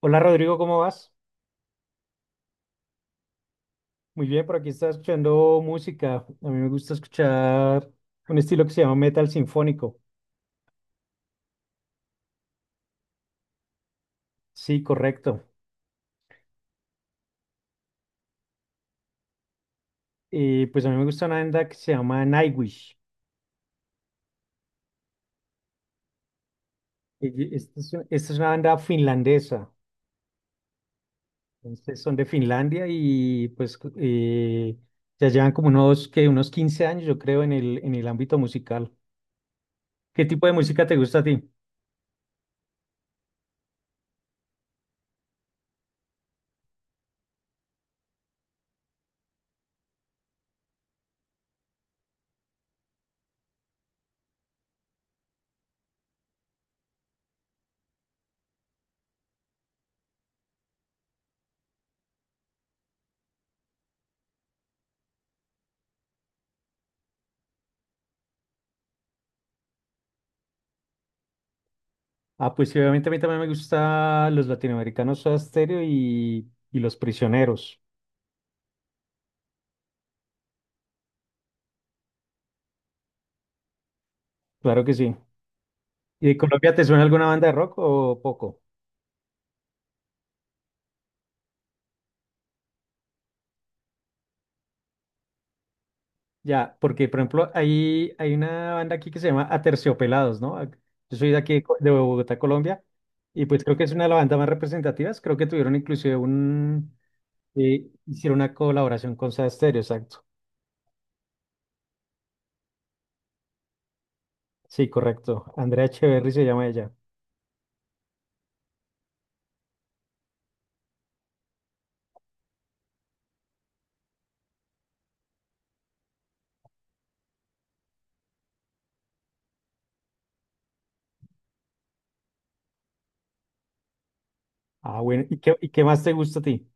Hola Rodrigo, ¿cómo vas? Muy bien, por aquí estaba escuchando música. A mí me gusta escuchar un estilo que se llama metal sinfónico. Sí, correcto. Y pues a mí me gusta una banda que se llama Nightwish. Esta es una banda finlandesa. Entonces son de Finlandia y pues ya llevan como unos, que unos 15 años, yo creo, en el ámbito musical. ¿Qué tipo de música te gusta a ti? Ah, pues sí, obviamente a mí también me gusta los latinoamericanos Soda Stereo y Los Prisioneros. Claro que sí. ¿Y de Colombia te suena alguna banda de rock o poco? Ya, porque por ejemplo, hay una banda aquí que se llama Aterciopelados, ¿no? Yo soy de aquí, de Bogotá, Colombia, y pues creo que es una de las bandas más representativas. Creo que tuvieron inclusive un, hicieron una colaboración con Soda Stereo, exacto. Sí, correcto. Andrea Echeverry se llama ella. Ah, bueno, ¿y qué más te gusta a ti?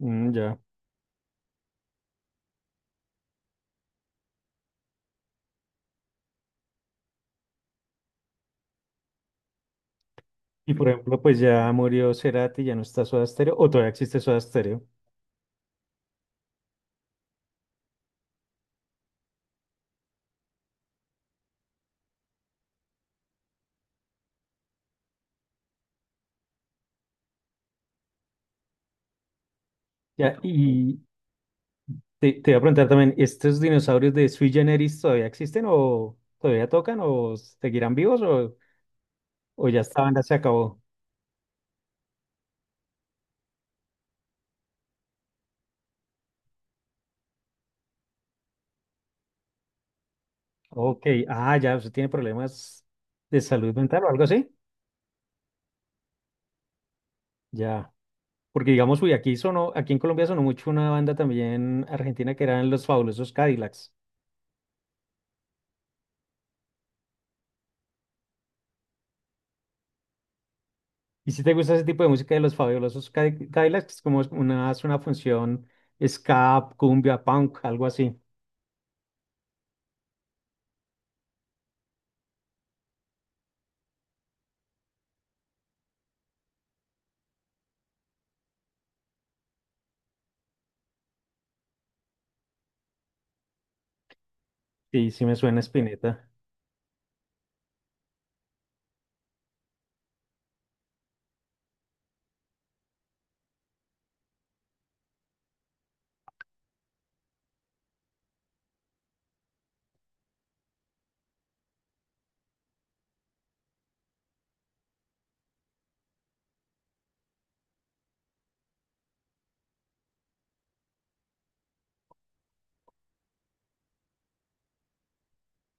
Mm, ya. Y por ejemplo, pues ya murió Cerati, ya no está Soda Stereo, o todavía existe Soda Stereo. Ya, y, te iba a preguntar también, ¿estos dinosaurios de sui generis todavía existen o todavía tocan o seguirán vivos o ya esta banda se acabó? Ok, ah, ya, usted tiene problemas de salud mental o algo así. Ya, porque digamos, uy, aquí sonó, aquí en Colombia sonó mucho una banda también argentina que eran Los Fabulosos Cadillacs. Y si te gusta ese tipo de música de Cadillacs, es como una, es una función ska, cumbia, punk, algo así. Sí, sí me suena Spinetta.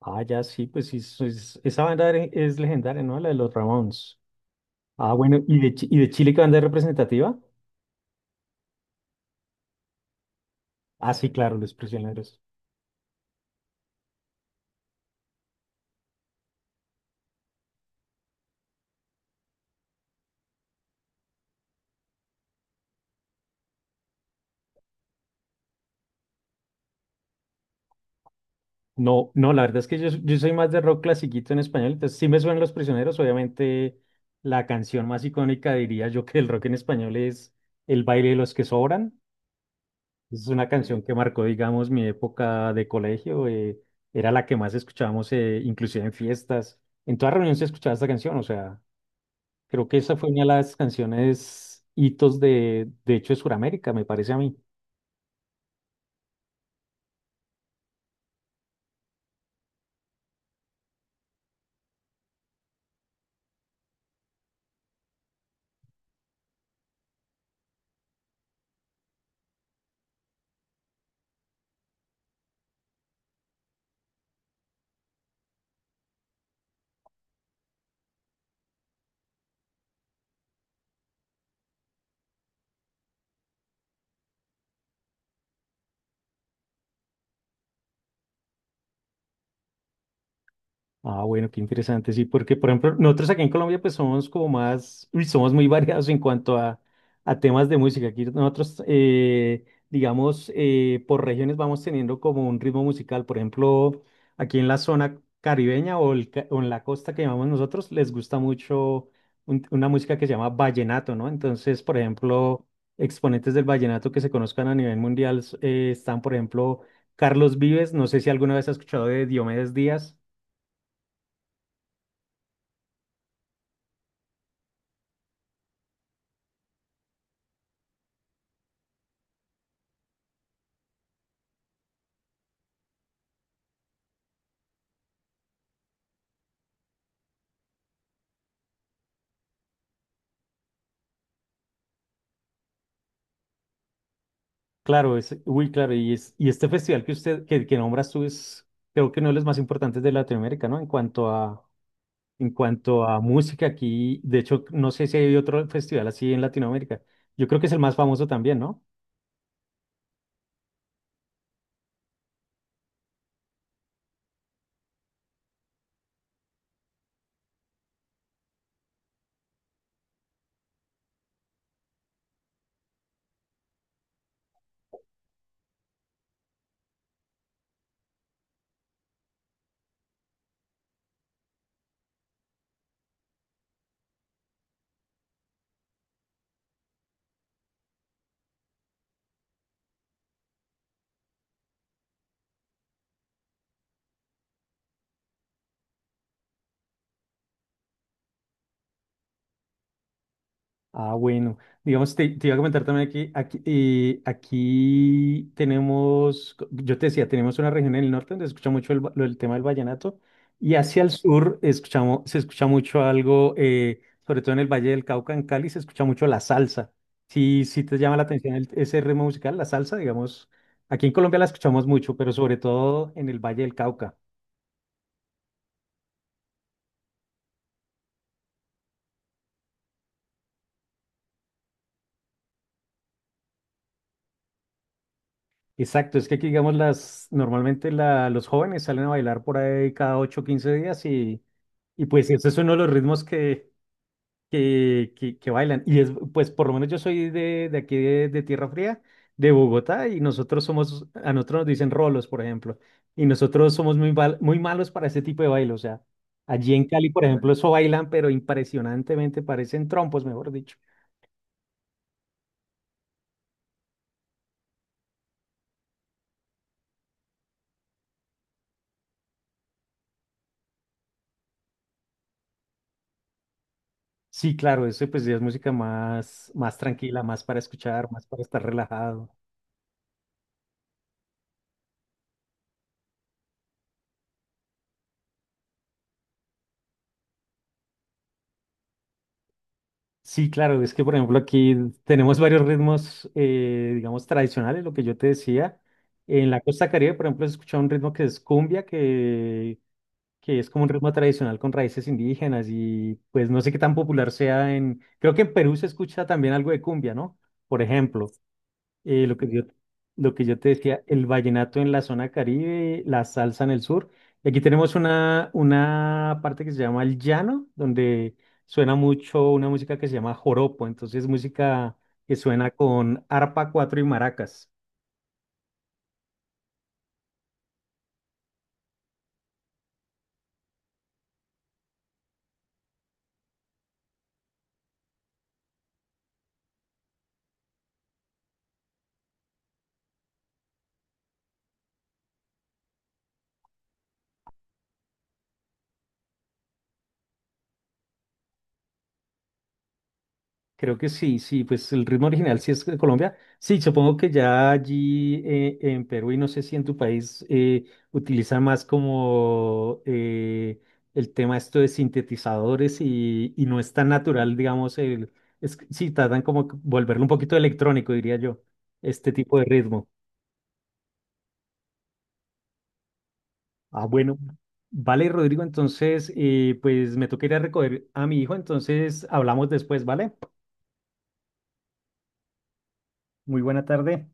Ah, ya sí, pues sí, es legendaria, ¿no? La de los Ramones. Ah, bueno, ¿y de Chile qué banda es representativa? Ah, sí, claro, Los Prisioneros. No, no, la verdad es que yo soy más de rock clasiquito en español, entonces sí me suenan Los Prisioneros, obviamente la canción más icónica diría yo que el rock en español es El baile de los que sobran. Es una canción que marcó, digamos, mi época de colegio, era la que más escuchábamos, inclusive en fiestas. En toda reunión se escuchaba esta canción, o sea, creo que esa fue una de las canciones hitos de hecho, de Sudamérica, me parece a mí. Ah, bueno, qué interesante, sí, porque por ejemplo, nosotros aquí en Colombia pues somos como más, uy, somos muy variados en cuanto a temas de música. Aquí nosotros, digamos, por regiones vamos teniendo como un ritmo musical. Por ejemplo, aquí en la zona caribeña o, o en la costa que llamamos nosotros, les gusta mucho una música que se llama vallenato, ¿no? Entonces, por ejemplo, exponentes del vallenato que se conozcan a nivel mundial están, por ejemplo, Carlos Vives, no sé si alguna vez has escuchado de Diomedes Díaz. Claro, es, uy, claro, y, es, y este festival que usted, que nombras tú es, creo que uno de los más importantes de Latinoamérica, ¿no? En cuanto a música aquí, de hecho, no sé si hay otro festival así en Latinoamérica. Yo creo que es el más famoso también, ¿no? Ah, bueno. Digamos, te iba a comentar también aquí, aquí, aquí tenemos, yo te decía, tenemos una región en el norte donde se escucha mucho el, lo del tema del vallenato y hacia el sur escuchamos, se escucha mucho algo, sobre todo en el Valle del Cauca, en Cali, se escucha mucho la salsa. Si te llama la atención ese ritmo musical, la salsa, digamos, aquí en Colombia la escuchamos mucho, pero sobre todo en el Valle del Cauca. Exacto, es que aquí, digamos, las, normalmente la, los jóvenes salen a bailar por ahí cada 8 o 15 días y pues ese es uno de los ritmos que bailan. Y es, pues por lo menos yo soy de aquí de Tierra Fría, de Bogotá, y nosotros somos, a nosotros nos dicen rolos, por ejemplo, y nosotros somos muy, muy malos para ese tipo de baile. O sea, allí en Cali, por ejemplo, eso bailan, pero impresionantemente parecen trompos, mejor dicho. Sí, claro, eso pues ya es música más, más tranquila, más para escuchar, más para estar relajado. Sí, claro, es que por ejemplo aquí tenemos varios ritmos, digamos, tradicionales, lo que yo te decía. En la costa Caribe, por ejemplo, se escucha un ritmo que es cumbia, que es como un ritmo tradicional con raíces indígenas y pues no sé qué tan popular sea en... Creo que en Perú se escucha también algo de cumbia, ¿no? Por ejemplo. Eh, lo que yo, lo que yo te decía, el vallenato en la zona Caribe, la salsa en el sur. Y aquí tenemos una parte que se llama el llano, donde suena mucho una música que se llama joropo, entonces música que suena con arpa, cuatro y maracas. Creo que sí, sí, pues el ritmo original sí es de Colombia. Sí, supongo que ya allí en Perú y no sé si en tu país utilizan más como el tema esto de sintetizadores y no es tan natural, digamos, el, es, que sí, tratan como que volverlo un poquito electrónico, diría yo, este tipo de ritmo. Ah, bueno. Vale, Rodrigo, entonces, pues me toca ir a recoger a mi hijo, entonces hablamos después, ¿vale? Muy buena tarde.